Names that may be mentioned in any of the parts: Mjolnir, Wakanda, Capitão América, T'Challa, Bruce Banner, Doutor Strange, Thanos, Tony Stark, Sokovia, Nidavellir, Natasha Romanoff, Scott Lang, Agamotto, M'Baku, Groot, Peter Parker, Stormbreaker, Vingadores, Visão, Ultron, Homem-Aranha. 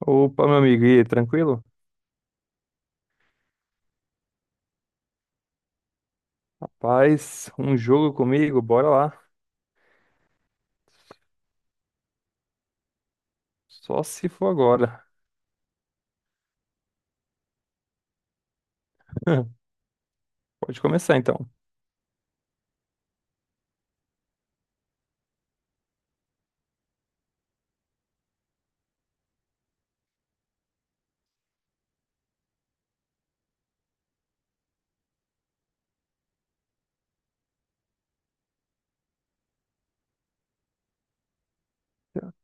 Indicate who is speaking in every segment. Speaker 1: Opa, meu amigo, e aí, tranquilo? Rapaz, um jogo comigo, bora lá. Só se for agora. Pode começar então.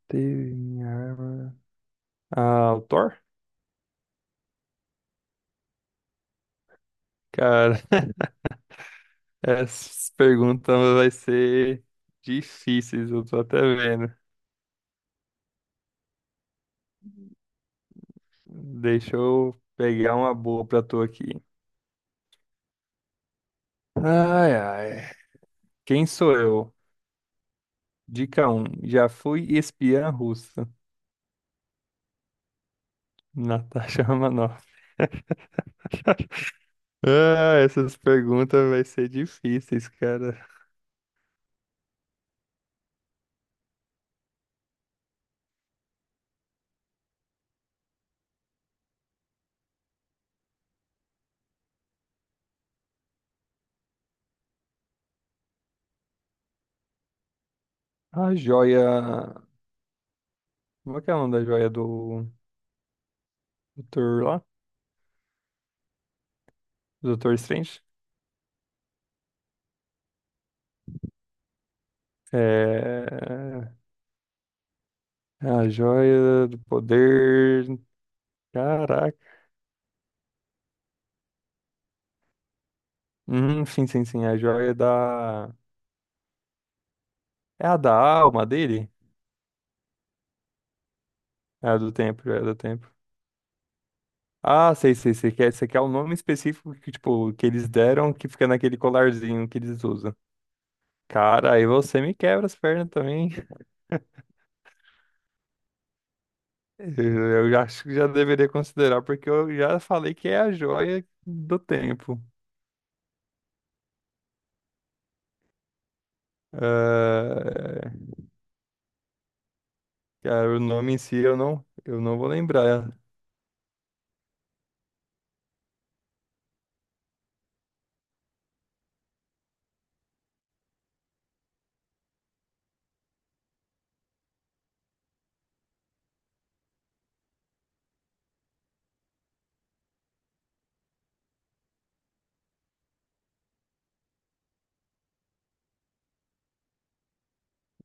Speaker 1: Teve minha arma. Ah, o Thor? Cara, essas perguntas vai ser difíceis, eu tô até vendo. Deixa eu pegar uma boa pra tu aqui. Ai, ai. Quem sou eu? Dica um. Já fui espiã russa. Natasha Romanoff. Ah, essas perguntas vai ser difíceis, cara. A joia. Como é que é o nome da joia do Doutor lá? Do Doutor Strange? É. É a joia do poder. Caraca. Sim, sim, sim. A joia da. É a da alma dele? É a do tempo, é a do tempo. Ah, sei, sei, sei. Esse aqui é o nome específico que, tipo, que eles deram, que fica naquele colarzinho que eles usam. Cara, aí você me quebra as pernas também. Eu já acho que já deveria considerar, porque eu já falei que é a joia do tempo. Ah, cara, o nome em si eu não vou lembrar.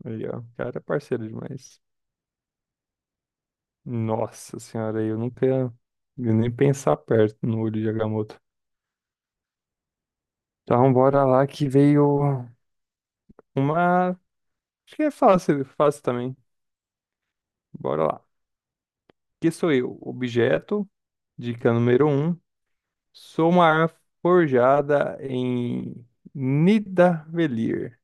Speaker 1: Aí, ó, o cara é parceiro demais. Nossa senhora, eu nunca ia nem pensar perto no olho de Agamotto. Então, bora lá que veio uma. Acho que é fácil, fácil também. Bora lá. Que sou eu? Objeto, dica número um. Sou uma arma forjada em Nidavellir.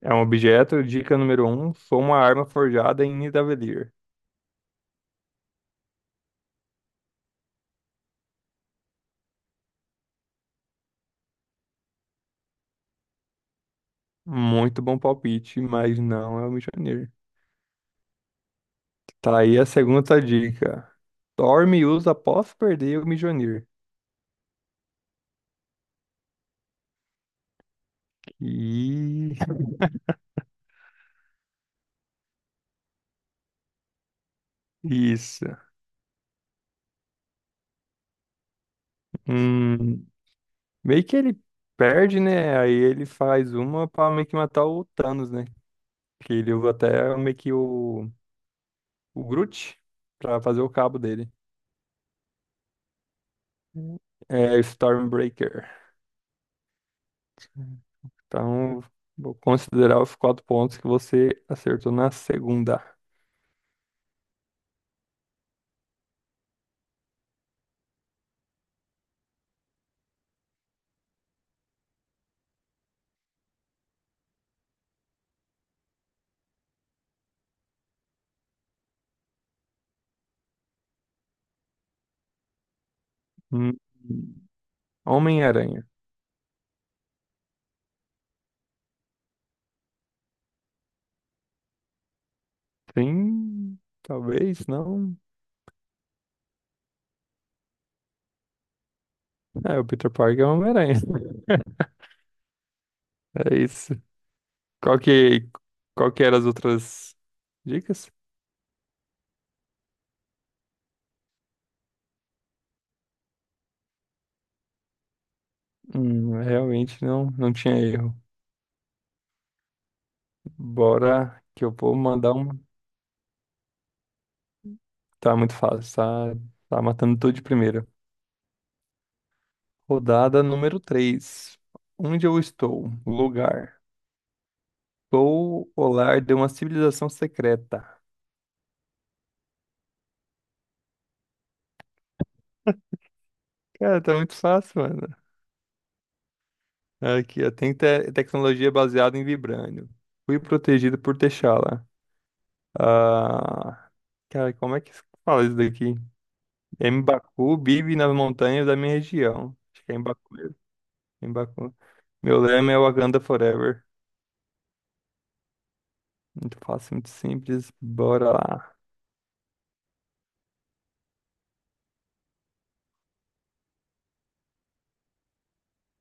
Speaker 1: É um objeto, dica número um. Sou uma arma forjada em Nidavellir. Muito bom palpite, mas não é o Mjolnir. Tá aí a segunda dica. Dorme e usa após perder o Mjolnir. E... Isso. Hum, meio que ele perde, né? Aí ele faz uma pra meio que matar o Thanos, né? Que ele usa até meio que o Groot pra fazer o cabo dele. É Stormbreaker. Então, vou considerar os 4 pontos que você acertou na segunda. Hum, Homem-Aranha. Sim, talvez não. É, o Peter Parker é o Homem-Aranha. É isso. Qual que, qual que eram as outras dicas? Realmente não tinha erro. Bora que eu vou mandar um. Tá muito fácil, tá, tá matando tudo de primeira. Rodada número três. Onde eu estou? Lugar. Sou o lar de uma civilização secreta. Cara, tá muito fácil, mano. Aqui, ó. Tem tecnologia baseada em vibrânio. Fui protegido por T'Challa. Ah, cara, como é que se fala isso daqui? M'Baku vive nas montanhas da minha região. Acho que é M'Baku mesmo. M'Baku. Meu lema é Wakanda Forever. Muito fácil, muito simples. Bora lá.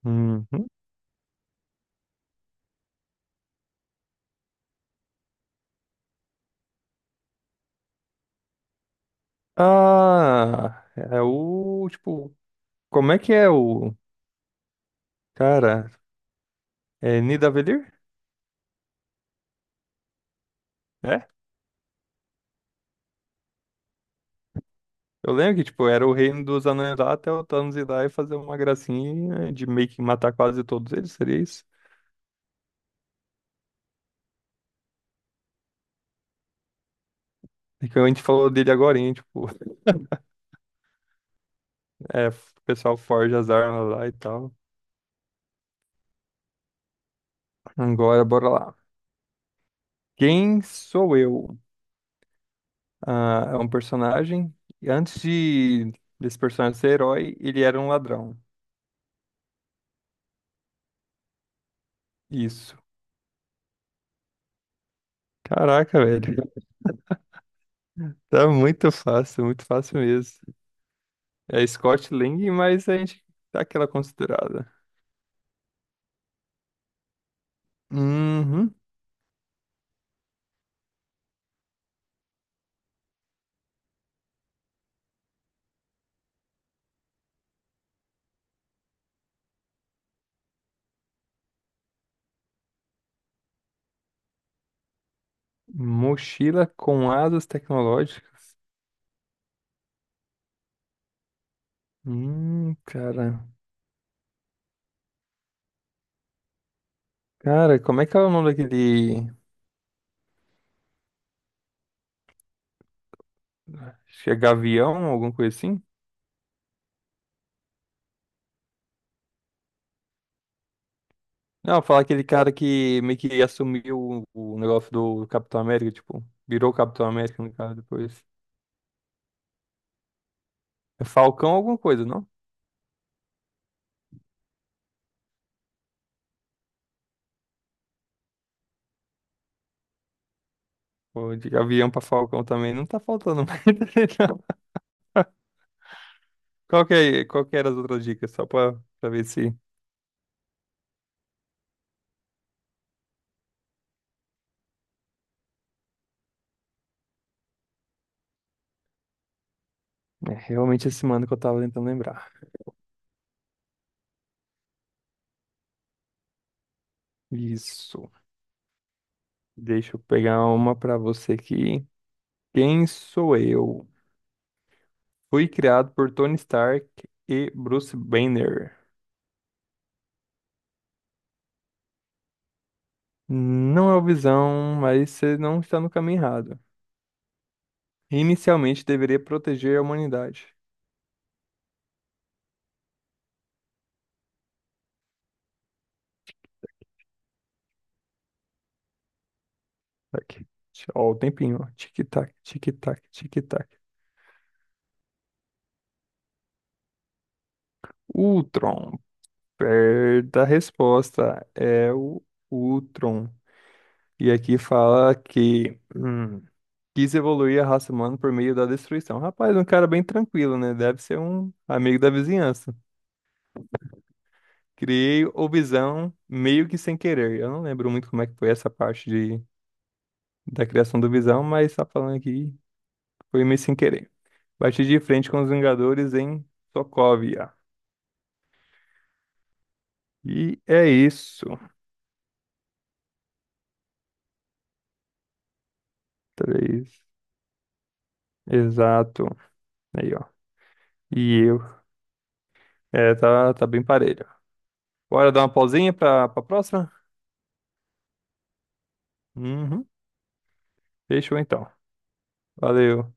Speaker 1: Uhum. Ah, é o, tipo, como é que é o, cara, é Nidavellir? É? Eu lembro que, tipo, era o reino dos anões lá até o Thanos ir lá e fazer uma gracinha de meio que matar quase todos eles, seria isso? É que a gente falou dele agora, hein, tipo, é, o pessoal forja as armas lá e tal. Agora, bora lá. Quem sou eu? Ah, é um personagem, e antes de desse personagem ser herói, ele era um ladrão. Isso. Caraca, velho. Tá muito fácil mesmo. É Scott Lang, mas a gente dá aquela considerada. Uhum. Mochila com asas tecnológicas. Cara. Cara, como é que é o nome daquele. Acho que é Gavião, alguma coisa assim? Não, falar aquele cara que meio que assumiu o negócio do Capitão América, tipo, virou Capitão América no caso depois. É Falcão alguma coisa, não? Pô, de Gavião pra Falcão também não tá faltando mais, não. Qual que era as outras dicas? Só pra ver se é realmente esse mano que eu tava tentando lembrar. Isso. Deixa eu pegar uma pra você aqui. Quem sou eu? Fui criado por Tony Stark e Bruce Banner. Não é o Visão, mas você não está no caminho errado. Inicialmente deveria proteger a humanidade. Aqui. Ó, o tempinho, ó. Tic-tac, tic-tac, tic-tac. Ultron. Perda a resposta. É o Ultron. E aqui fala que quis evoluir a raça humana por meio da destruição. Rapaz, um cara bem tranquilo, né? Deve ser um amigo da vizinhança. Criei o Visão meio que sem querer. Eu não lembro muito como é que foi essa da criação do Visão, mas tá falando aqui que foi meio sem querer. Bati de frente com os Vingadores em Sokovia. E é isso. Três. Exato. Aí, ó. E eu. É, tá, tá bem parelho. Bora dar uma pausinha pra próxima? Uhum. Fechou então. Valeu.